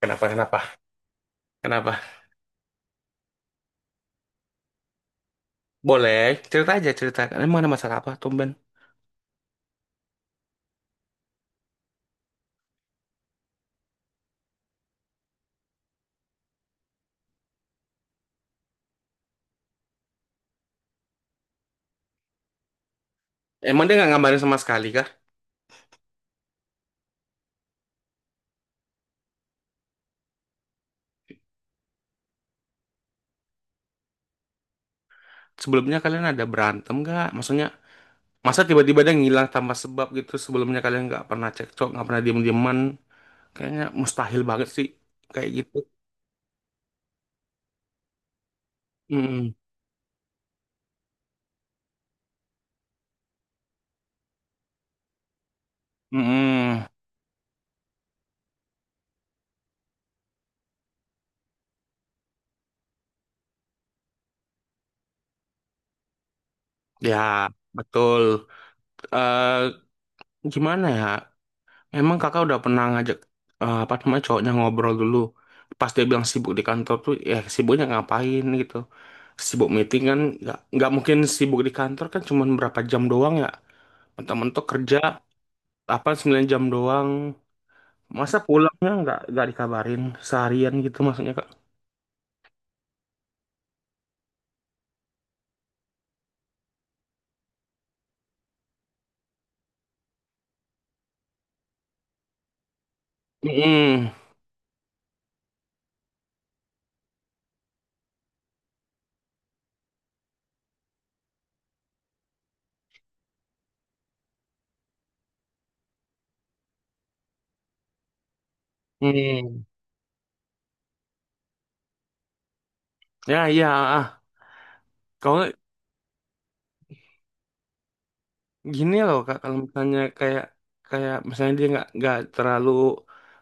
Kenapa, kenapa, kenapa? Boleh, cerita aja cerita. Emang ada masalah apa, Tumben? Emang dia nggak ngabarin sama sekali kah? Sebelumnya kalian ada berantem nggak? Maksudnya, masa tiba-tiba dia ngilang tanpa sebab gitu? Sebelumnya kalian nggak pernah cekcok, nggak pernah diem-dieman? Kayaknya mustahil banget sih, kayak gitu. Mm-mm. Mm-mm. Ya, betul. eh Gimana ya? Emang kakak udah pernah ngajak apa namanya cowoknya ngobrol dulu pas dia bilang sibuk di kantor tuh, ya sibuknya ngapain gitu? Sibuk meeting kan nggak mungkin sibuk di kantor kan cuman berapa jam doang ya, mentok-mentok kerja 8 9 jam doang. Masa pulangnya nggak dikabarin seharian gitu, maksudnya kak? Mm. Ya, iya. Ah. Ah. Kalau gini loh kak, kalau misalnya kayak, kayak misalnya dia nggak terlalu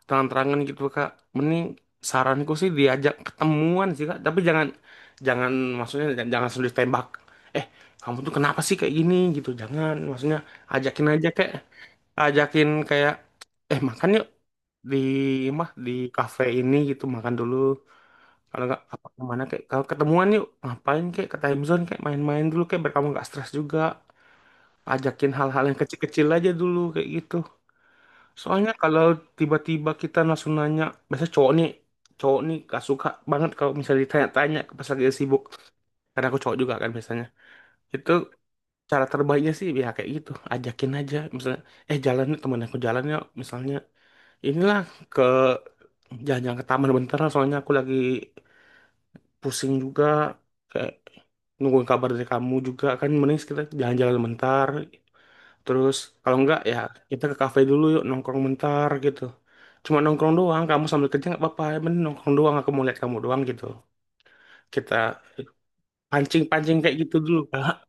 terang-terangan gitu kak, mending saranku sih diajak ketemuan sih kak, tapi jangan, jangan maksudnya jangan sulit tembak. eh Kamu tuh kenapa sih kayak gini gitu, jangan maksudnya ajakin aja kayak, ajakin kayak, eh makan yuk di mah, di kafe ini gitu, makan dulu. Kalau nggak apa kemana, kayak kalau ketemuan yuk ngapain, kayak ke time zone, kayak main-main dulu kayak biar kamu nggak stres juga. Ajakin hal-hal yang kecil-kecil aja dulu kayak gitu. Soalnya kalau tiba-tiba kita langsung nanya, biasanya cowok nih gak suka banget kalau misalnya ditanya-tanya ke pas lagi sibuk. Karena aku cowok juga kan biasanya. Itu cara terbaiknya sih ya kayak gitu, ajakin aja misalnya, eh jalan nih temen aku, jalan yuk misalnya. Inilah ke jalan-jalan ke taman bentar lah, soalnya aku lagi pusing juga kayak nungguin kabar dari kamu juga kan, mending kita jalan-jalan bentar. Terus kalau enggak ya kita ke kafe dulu yuk nongkrong bentar gitu. Cuma nongkrong doang, kamu sambil kerja nggak apa-apa. Ya bener nongkrong doang, aku mau lihat kamu doang gitu. Kita pancing-pancing kayak gitu dulu, Kak.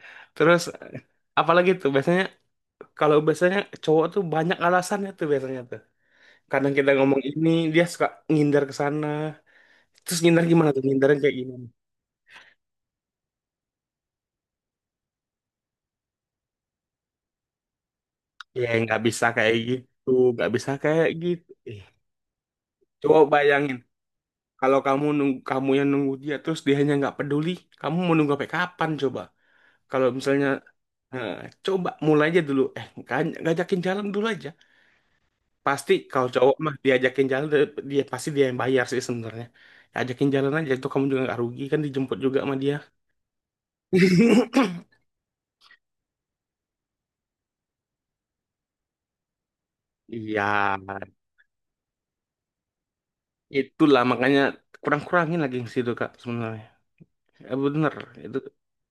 Terus apalagi tuh biasanya, kalau biasanya cowok tuh banyak alasannya tuh biasanya tuh. Kadang kita ngomong ini, dia suka ngindar ke sana. Terus ngindar gimana tuh? Ngindarnya kayak gini. Ya nggak bisa kayak gitu, nggak bisa kayak gitu. Coba bayangin. Kalau kamu nunggu, kamu yang nunggu dia terus dia hanya nggak peduli, kamu mau nunggu sampai kapan coba? Kalau misalnya eh, coba mulai aja dulu, eh ngajakin jalan dulu aja. Pasti kalau cowok mah diajakin jalan dia, pasti dia yang bayar sih sebenarnya. Ajakin jalan aja, itu kamu juga nggak rugi kan, dijemput juga sama dia. Iya, itulah makanya kurang-kurangin lagi yang situ Kak sebenarnya. Eh, bener itu.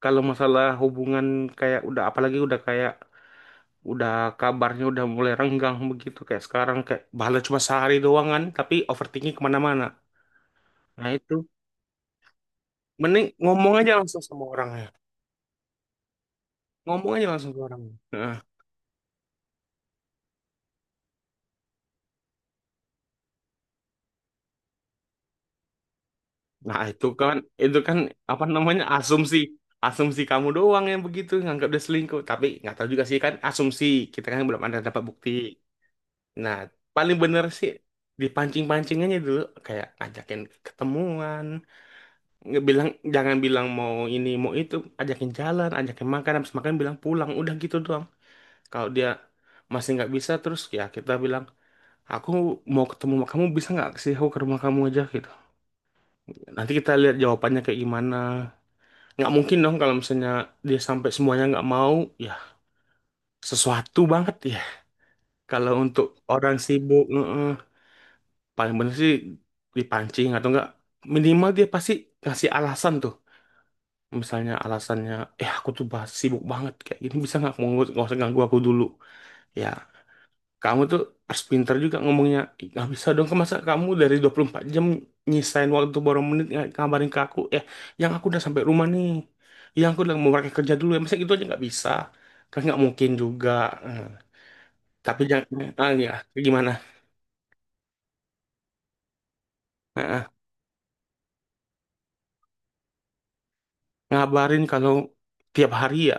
Kalau masalah hubungan kayak udah, apalagi udah kayak udah kabarnya udah mulai renggang begitu kayak sekarang, kayak bahala cuma sehari doang kan, tapi overthinking kemana-mana. Nah itu, mending ngomong aja langsung sama orangnya, ngomong aja langsung ke orangnya. Nah, nah itu kan, itu kan apa namanya asumsi, asumsi kamu doang yang begitu nganggap dia selingkuh, tapi nggak tahu juga sih kan asumsi, kita kan belum ada dapat bukti. Nah, paling bener sih dipancing-pancingannya dulu, kayak ngajakin ketemuan, nggak bilang, jangan bilang mau ini mau itu. Ajakin jalan, ajakin makan, habis makan bilang pulang, udah gitu doang. Kalau dia masih nggak bisa terus, ya kita bilang aku mau ketemu sama kamu, bisa nggak sih aku ke rumah kamu aja gitu. Nanti kita lihat jawabannya kayak gimana. Nggak mungkin dong kalau misalnya dia sampai semuanya nggak mau, ya sesuatu banget ya kalau untuk orang sibuk. Paling bener sih dipancing atau enggak, minimal dia pasti ngasih alasan tuh. Misalnya alasannya, aku tuh sibuk banget kayak gini, bisa nggak mau nggak usah ganggu aku dulu. Ya, kamu tuh harus pinter juga ngomongnya, "Ih, nggak bisa dong, masa kamu dari 24 jam nyisain waktu borong menit nggak kabarin ke aku, eh, yang aku udah sampai rumah nih, yang aku udah mau berangkat kerja dulu ya, masa gitu aja nggak bisa." Kan nggak mungkin juga. Eh, tapi jangan, ah, ya, gimana. Eh, eh, Ngabarin kalau tiap hari ya,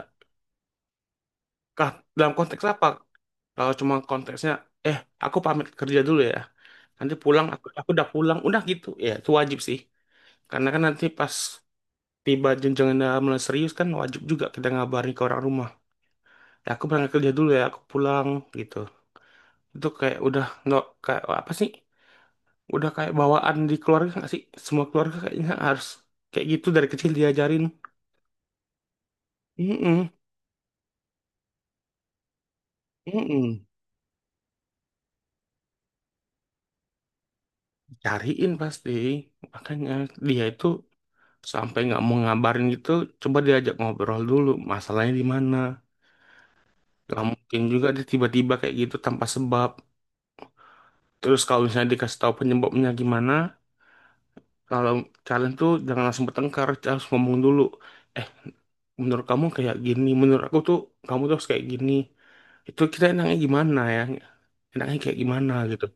Kah, dalam konteks apa? Kalau cuma konteksnya, eh aku pamit kerja dulu ya, nanti pulang aku udah pulang, udah gitu ya, itu wajib sih. Karena kan nanti pas tiba jenjang yang udah mulai serius, kan wajib juga kita ngabarin ke orang rumah, ya aku berangkat kerja dulu ya, aku pulang, gitu. Itu kayak udah nggak kayak apa sih, udah kayak bawaan di keluarga nggak sih, semua keluarga kayaknya harus kayak gitu, dari kecil diajarin. Mm-mm, mm-mm. Cariin pasti, makanya dia itu sampai nggak mau ngabarin gitu, coba diajak ngobrol dulu masalahnya di mana. Gak mungkin juga dia tiba-tiba kayak gitu tanpa sebab. Terus kalau misalnya dikasih tahu penyebabnya gimana, kalau kalian tuh jangan langsung bertengkar, harus ngomong dulu. Eh, menurut kamu kayak gini, menurut aku tuh kamu tuh harus kayak gini. Itu kita enaknya gimana ya? Enaknya kayak gimana gitu.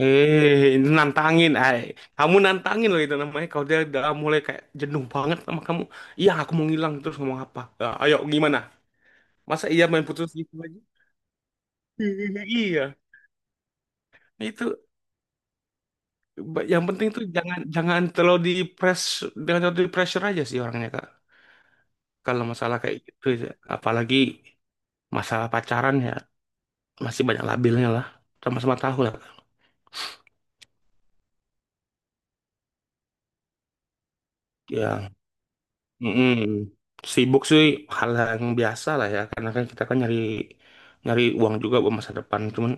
Eh, ini nantangin, ay. Kamu nantangin loh itu namanya. Kalau dia udah mulai kayak jenuh banget sama kamu, iya aku mau ngilang terus ngomong apa? Ah, ayo gimana? Masa iya main putus gitu aja? Iya, itu yang penting tuh jangan, jangan terlalu di press jangan terlalu di pressure aja sih orangnya Kak. Kalau masalah kayak gitu ya. Apalagi masalah pacaran ya, masih banyak labilnya lah. Sama-sama tahu lah, Kak. Ya. Mm-mm. Sibuk sih hal yang biasa lah ya, karena kan kita kan nyari nyari uang juga buat masa depan. Cuman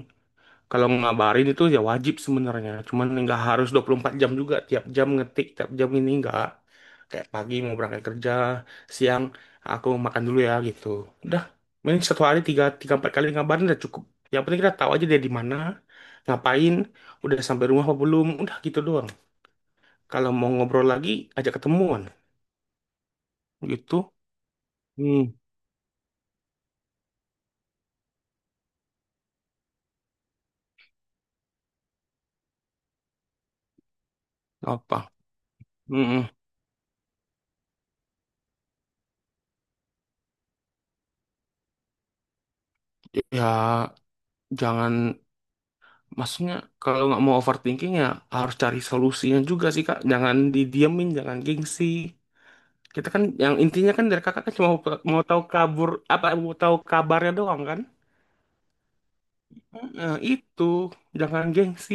kalau ngabarin itu ya wajib sebenarnya. Cuman nggak harus 24 jam juga. Tiap jam ngetik, tiap jam ini nggak. Kayak pagi mau berangkat kerja, siang aku makan dulu ya gitu. Udah, mending satu hari tiga, tiga empat kali ngabarin udah cukup. Yang penting kita tahu aja dia di mana, ngapain, udah sampai rumah apa belum. Udah gitu doang. Kalau mau ngobrol lagi, ajak ketemuan. Gitu. Hmm, apa? Mm-mm. Ya, jangan, maksudnya kalau nggak mau overthinking ya harus cari solusinya juga sih kak. Jangan didiemin, jangan gengsi. Kita kan yang intinya kan dari kakak kan cuma mau, mau tahu kabur apa mau tahu kabarnya doang kan? Nah, itu jangan gengsi.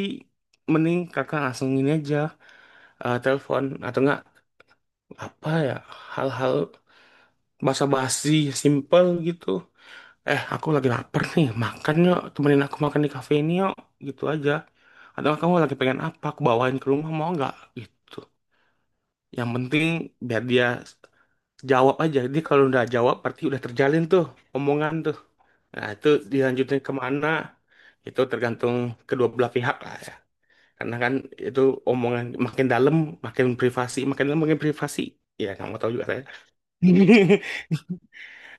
Mending kakak langsung ini aja, eh telepon atau enggak, apa ya, hal-hal basa-basi simple gitu. Eh aku lagi lapar nih, makan yuk, temenin aku makan di kafe ini yuk, gitu aja. Atau kamu lagi pengen apa, aku bawain ke rumah mau nggak? Gitu. Yang penting biar dia jawab aja. Dia kalau udah jawab berarti udah terjalin tuh omongan tuh. Nah itu dilanjutin kemana, itu tergantung kedua belah pihak lah ya. Karena kan itu omongan makin dalam makin privasi, makin dalam makin privasi. Ya nggak mau tahu juga saya.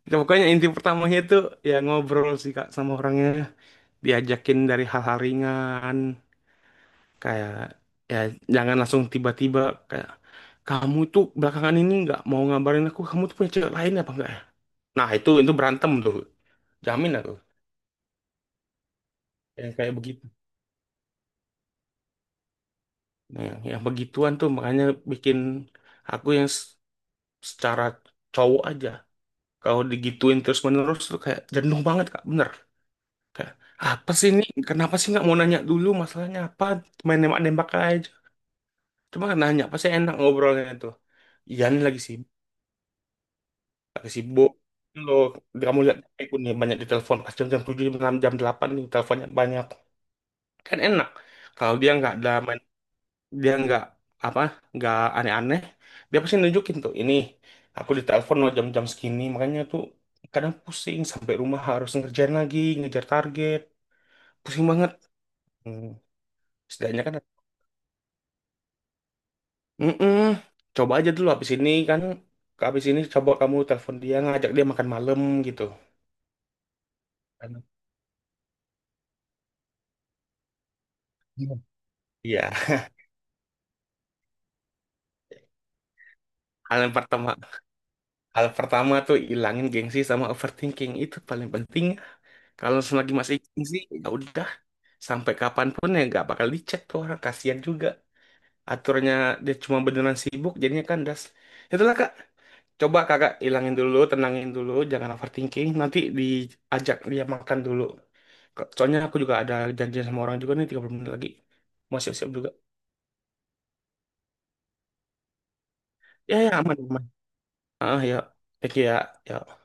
Nah, pokoknya inti pertamanya itu ya ngobrol sih Kak sama orangnya. Diajakin dari hal-hal ringan. Kayak ya jangan langsung tiba-tiba kayak, kamu tuh belakangan ini nggak mau ngabarin aku, kamu tuh punya cewek lain apa enggak ya? Nah itu berantem tuh, jamin aku. Yang kayak begitu. Nah, yang begituan tuh makanya bikin aku yang secara cowok aja. Kalau digituin terus-menerus tuh kayak jenuh banget Kak, bener. Kayak apa sih ini? Kenapa sih nggak mau nanya dulu masalahnya apa? Main nembak-nembak aja. Cuma nanya pasti enak ngobrolnya tuh. Iya nih lagi sih. Lagi sibuk. Lo, kamu lihat aku nih banyak ditelepon pas jam-jam 7, jam 6, jam 8 nih teleponnya banyak. Kan enak. Kalau dia nggak ada main, dia nggak apa, nggak aneh-aneh, dia pasti nunjukin tuh, ini aku ditelepon lo jam-jam segini. Makanya tuh kadang pusing sampai rumah harus ngerjain lagi, ngejar target. Pusing banget. Hmm, setidaknya kan. Mm-mm. Coba aja dulu habis ini kan, habis ini coba kamu telepon dia ngajak dia makan malam, gitu. Kan, iya. Iya. Hal yang pertama Hal pertama tuh ilangin gengsi sama overthinking itu paling penting. Kalau selagi masih gengsi, ya udah sampai kapanpun ya nggak bakal dicek tuh orang, kasihan juga. Aturnya dia cuma beneran sibuk jadinya kandas. Itulah kak, coba kakak ilangin dulu, tenangin dulu, jangan overthinking. Nanti diajak dia makan dulu. Soalnya aku juga ada janjian sama orang juga nih 30 menit lagi. Mau siap-siap juga. Ya ya aman aman. Ah ya, oke ya ya.